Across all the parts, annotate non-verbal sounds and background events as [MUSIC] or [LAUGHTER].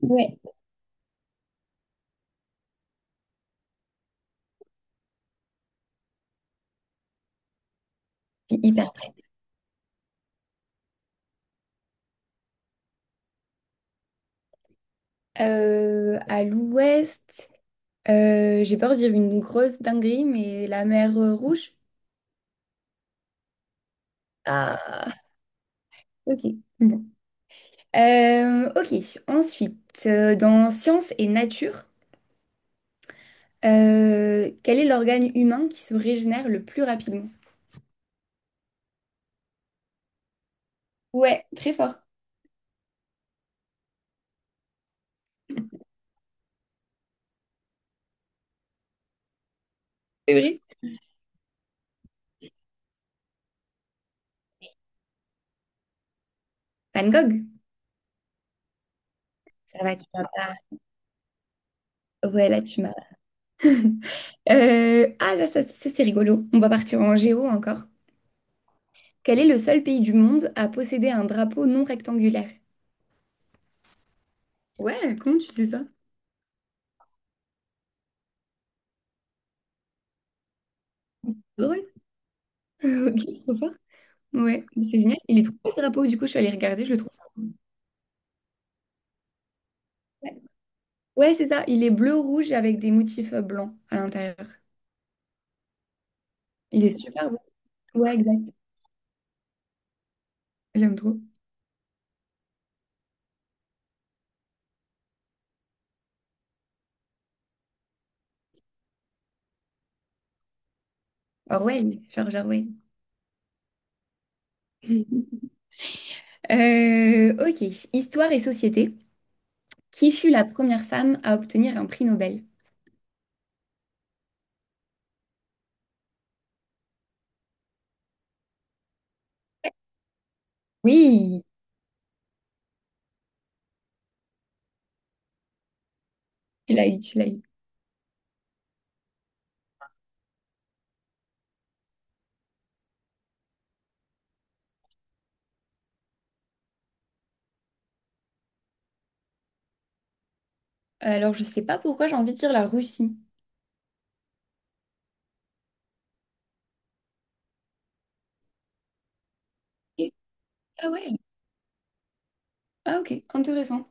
Ouais, hyper. À l'ouest, j'ai peur de dire une grosse dinguerie, mais la mer Rouge. Ah, ok. Bon. Ok, ensuite, dans sciences et nature, quel est l'organe humain qui se régénère le plus rapidement? Ouais, très fort. C'est vrai? Van Gogh. Ça va, tu vas pas. Ouais, là tu m'as. [LAUGHS] Ah là, ça, c'est rigolo. On va partir en géo encore. Quel est le seul pays du monde à posséder un drapeau non rectangulaire? Ouais, comment tu sais ça? Ah, ouais, [LAUGHS] ok, trop fort. Ouais, mais c'est génial. Il est trop beau le drapeau, du coup, je suis allée regarder, je le trouve sympa. Ouais, ouais, c'est ça. Il est bleu-rouge avec des motifs blancs à l'intérieur. Il est super beau. Ouais, exact. J'aime trop. Orwell, George Orwell. [LAUGHS] Ok, Histoire et société. Qui fut la première femme à obtenir un prix Nobel? Oui, tu l'as eu, tu l'as eu. Alors, je sais pas pourquoi j'ai envie de dire la Russie. Ah, ouais, ah ok, intéressant.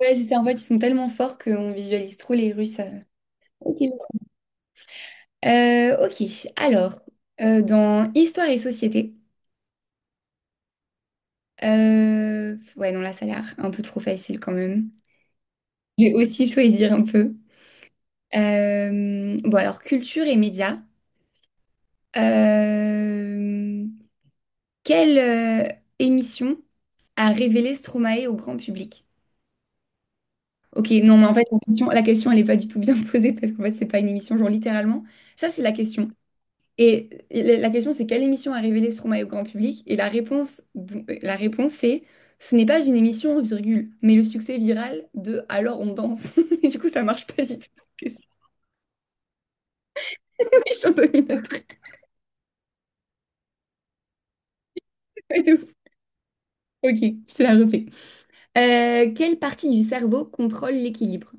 Ouais, c'est ça. En fait, ils sont tellement forts qu'on visualise trop les Russes. Ok. Ok. Alors, dans Histoire et Société, ouais, non, là, ça a l'air un peu trop facile quand même. Je vais aussi [LAUGHS] choisir un peu. Bon, alors, culture et médias. Euh, Quelle émission a révélé Stromae au grand public? Ok, non, mais en fait, la question, elle n'est pas du tout bien [LAUGHS] posée parce qu'en fait, c'est pas une émission, genre littéralement. Ça, c'est la question. Et la question, c'est quelle émission a révélé Stromae au grand public? Et la réponse, la réponse, c'est ce n'est pas une émission, virgule, mais le succès viral de Alors on danse. [LAUGHS] Et du coup, ça marche pas du tout. Qu'est-ce que [LAUGHS] je suis en dominatrice. Ouais, de ouf. Ok, je te la refais. Quelle partie du cerveau contrôle l'équilibre?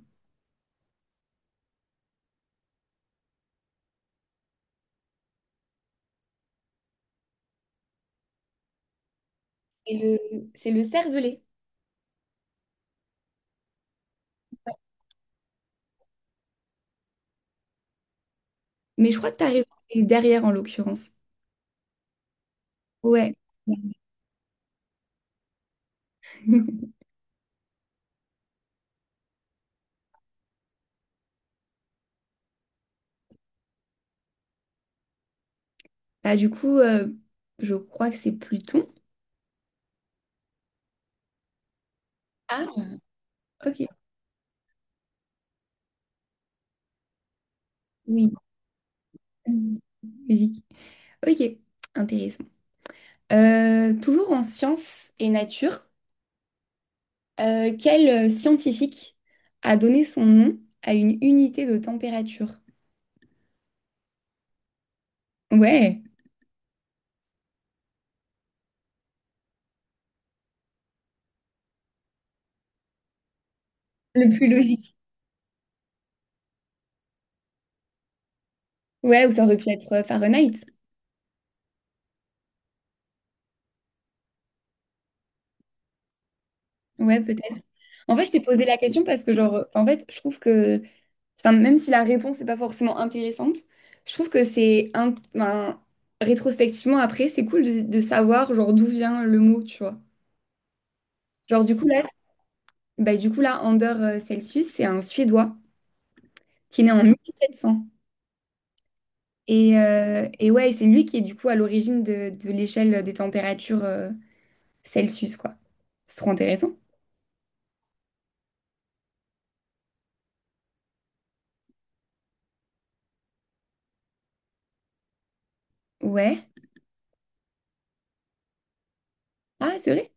C'est le, c'est le cervelet. Mais je crois que tu as raison, c'est derrière en l'occurrence. Ouais. [LAUGHS] Bah, du coup, je crois que c'est Pluton. Ah, ok. Oui. Logique. Ok, intéressant. Toujours en sciences et nature, quel scientifique a donné son nom à une unité de température? Ouais, le plus logique. Ouais, ou ça aurait pu être Fahrenheit. Ouais, peut-être. En fait, je t'ai posé la question parce que, genre, en fait, je trouve que, enfin, même si la réponse n'est pas forcément intéressante, je trouve que c'est, un, enfin, rétrospectivement, après, c'est cool de, savoir, genre, d'où vient le mot, tu vois. Genre, du coup, là, bah, du coup, là, Anders Celsius, c'est un Suédois, qui est né en 1700. Et ouais, c'est lui qui est du coup à l'origine de l'échelle des températures Celsius, quoi. C'est trop intéressant. Ouais. Ah, c'est vrai?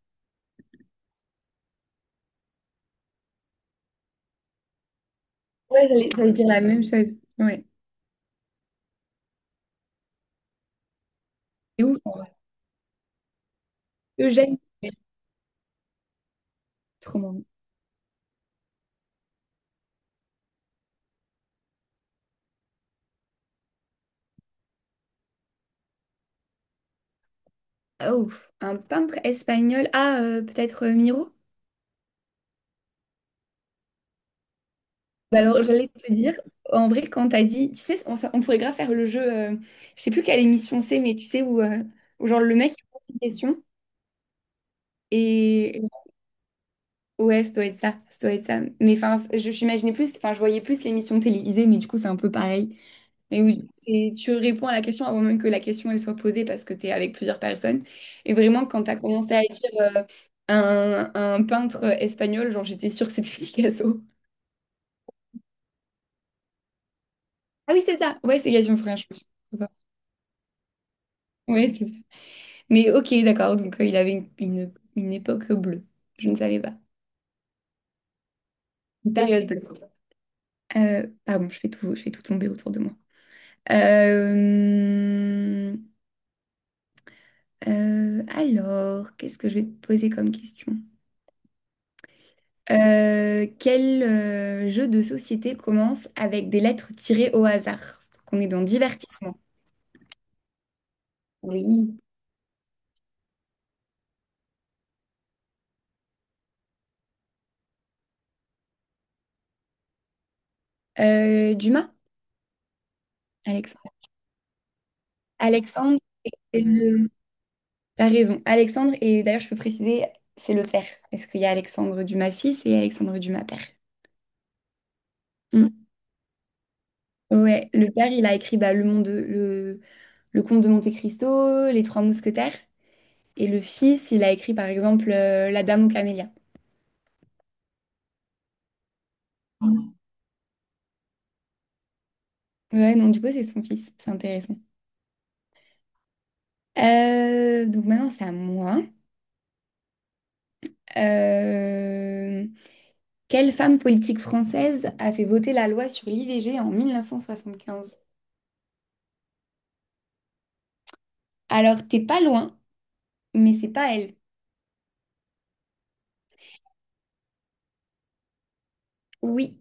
Ouais, j'allais dire la même chose. Ouais. C'est ouf. Eugène. Miguel. Trop marrant. Ah, ouf. Un peintre espagnol. Ah, peut-être Miro? Bah alors, j'allais te dire, en vrai, quand t'as dit, tu sais, on pourrait grave faire le jeu, je sais plus quelle émission c'est, mais tu sais, où genre le mec il pose une question et Ouais, ça doit être ça, ça doit être ça. Mais enfin, je j'imaginais plus, enfin, je voyais plus l'émission télévisée, mais du coup, c'est un peu pareil. Mais où tu réponds à la question avant même que la question elle soit posée parce que tu es avec plusieurs personnes. Et vraiment, quand tu as commencé à écrire un peintre espagnol, genre, j'étais sûre que c'était [LAUGHS] Picasso. Ah oui, c'est ça. Ouais, c'est Gaston Frère, je me Ouais, c'est ça. Mais ok, d'accord. Donc, il avait une époque bleue. Je ne savais pas. Une période bleue. Pardon, je fais tout tomber autour de moi. Euh... alors, qu'est-ce que je vais te poser comme question? Quel jeu de société commence avec des lettres tirées au hasard? Donc, on est dans divertissement. Oui. Dumas? Alexandre. Alexandre, c'est le... T'as raison. Alexandre, et d'ailleurs, je peux préciser, c'est le père. Parce qu'il y a Alexandre Dumas fils et Alexandre Dumas père. Mm. Ouais, le père, il a écrit bah, le comte de Monte-Cristo, Les Trois Mousquetaires. Et le fils, il a écrit, par exemple, La Dame aux Camélias. Ouais, non, du coup, c'est son fils. C'est intéressant. Donc maintenant, c'est à moi. Euh, Quelle femme politique française a fait voter la loi sur l'IVG en 1975? Alors, t'es pas loin, mais c'est pas elle. Oui,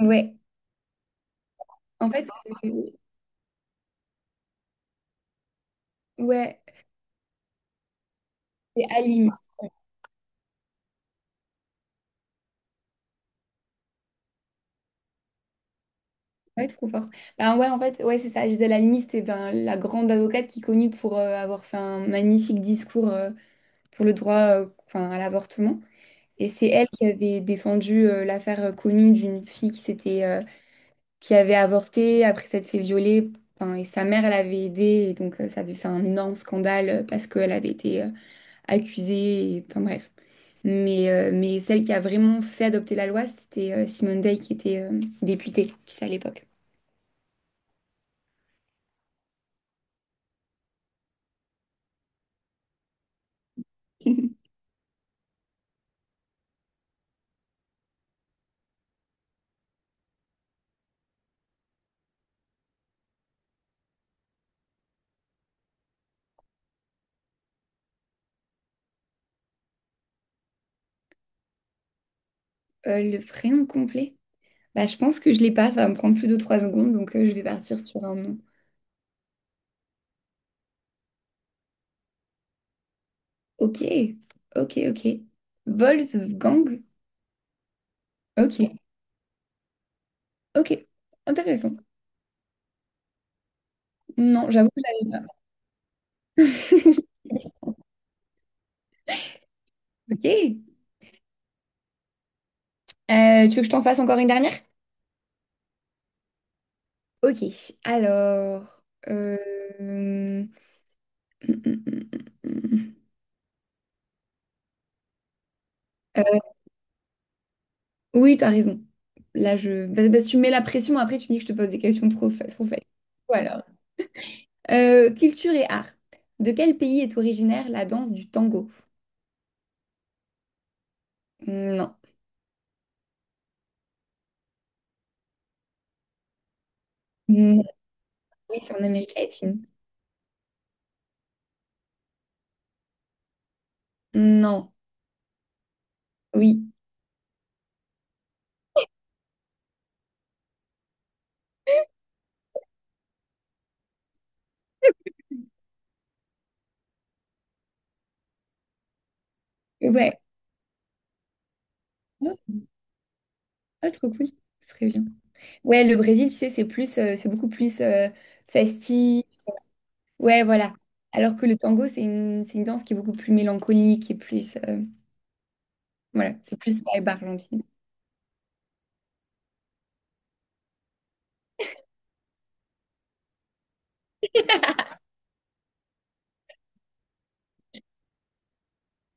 ouais. En fait, euh, ouais, c'est Halimi. Ouais, trop fort. Ben ouais, en fait, ouais, c'est ça. Gisèle Halimi, c'était ben, la grande avocate qui est connue pour avoir fait un magnifique discours pour le droit enfin, à l'avortement. Et c'est elle qui avait défendu l'affaire connue d'une fille qui avait avorté après s'être fait violer. Enfin, et sa mère, elle avait aidé. Et donc, ça avait fait un énorme scandale parce qu'elle avait été accusée. Enfin, bref. Mais celle qui a vraiment fait adopter la loi, c'était Simone Veil qui était députée, tu sais, à l'époque. Le prénom complet? Bah, je pense que je l'ai pas. Ça va me prendre plus de 3 secondes. Donc, je vais partir sur un nom. Ok. Ok, ok. Wolfgang? Ok. Ok, intéressant. Non, j'avoue que je l'avais pas. [LAUGHS] Ok. Tu veux que je t'en fasse encore une dernière? Ok, alors... euh, hum, hum, hum, hum. Euh, Oui, t'as raison. Là, je... Parce que tu mets la pression, après tu me dis que je te pose des questions trop faciles. Voilà. Culture et art. De quel pays est originaire la danse du tango? Non. Mm, oui, c'est en Amérique latine. Non. Oui. Ouais. Ah, ah, trop cool. Très bien. Ouais, le Brésil, tu sais, c'est beaucoup plus festif. Ouais, voilà. Alors que le tango, c'est une danse qui est beaucoup plus mélancolique et plus, voilà, c'est plus vibe argentine.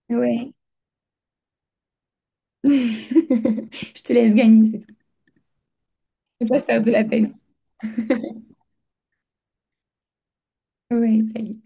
Ouais. [LAUGHS] Je te laisse gagner, c'est tout. Je vais pas te faire de la peine. Ouais, salut.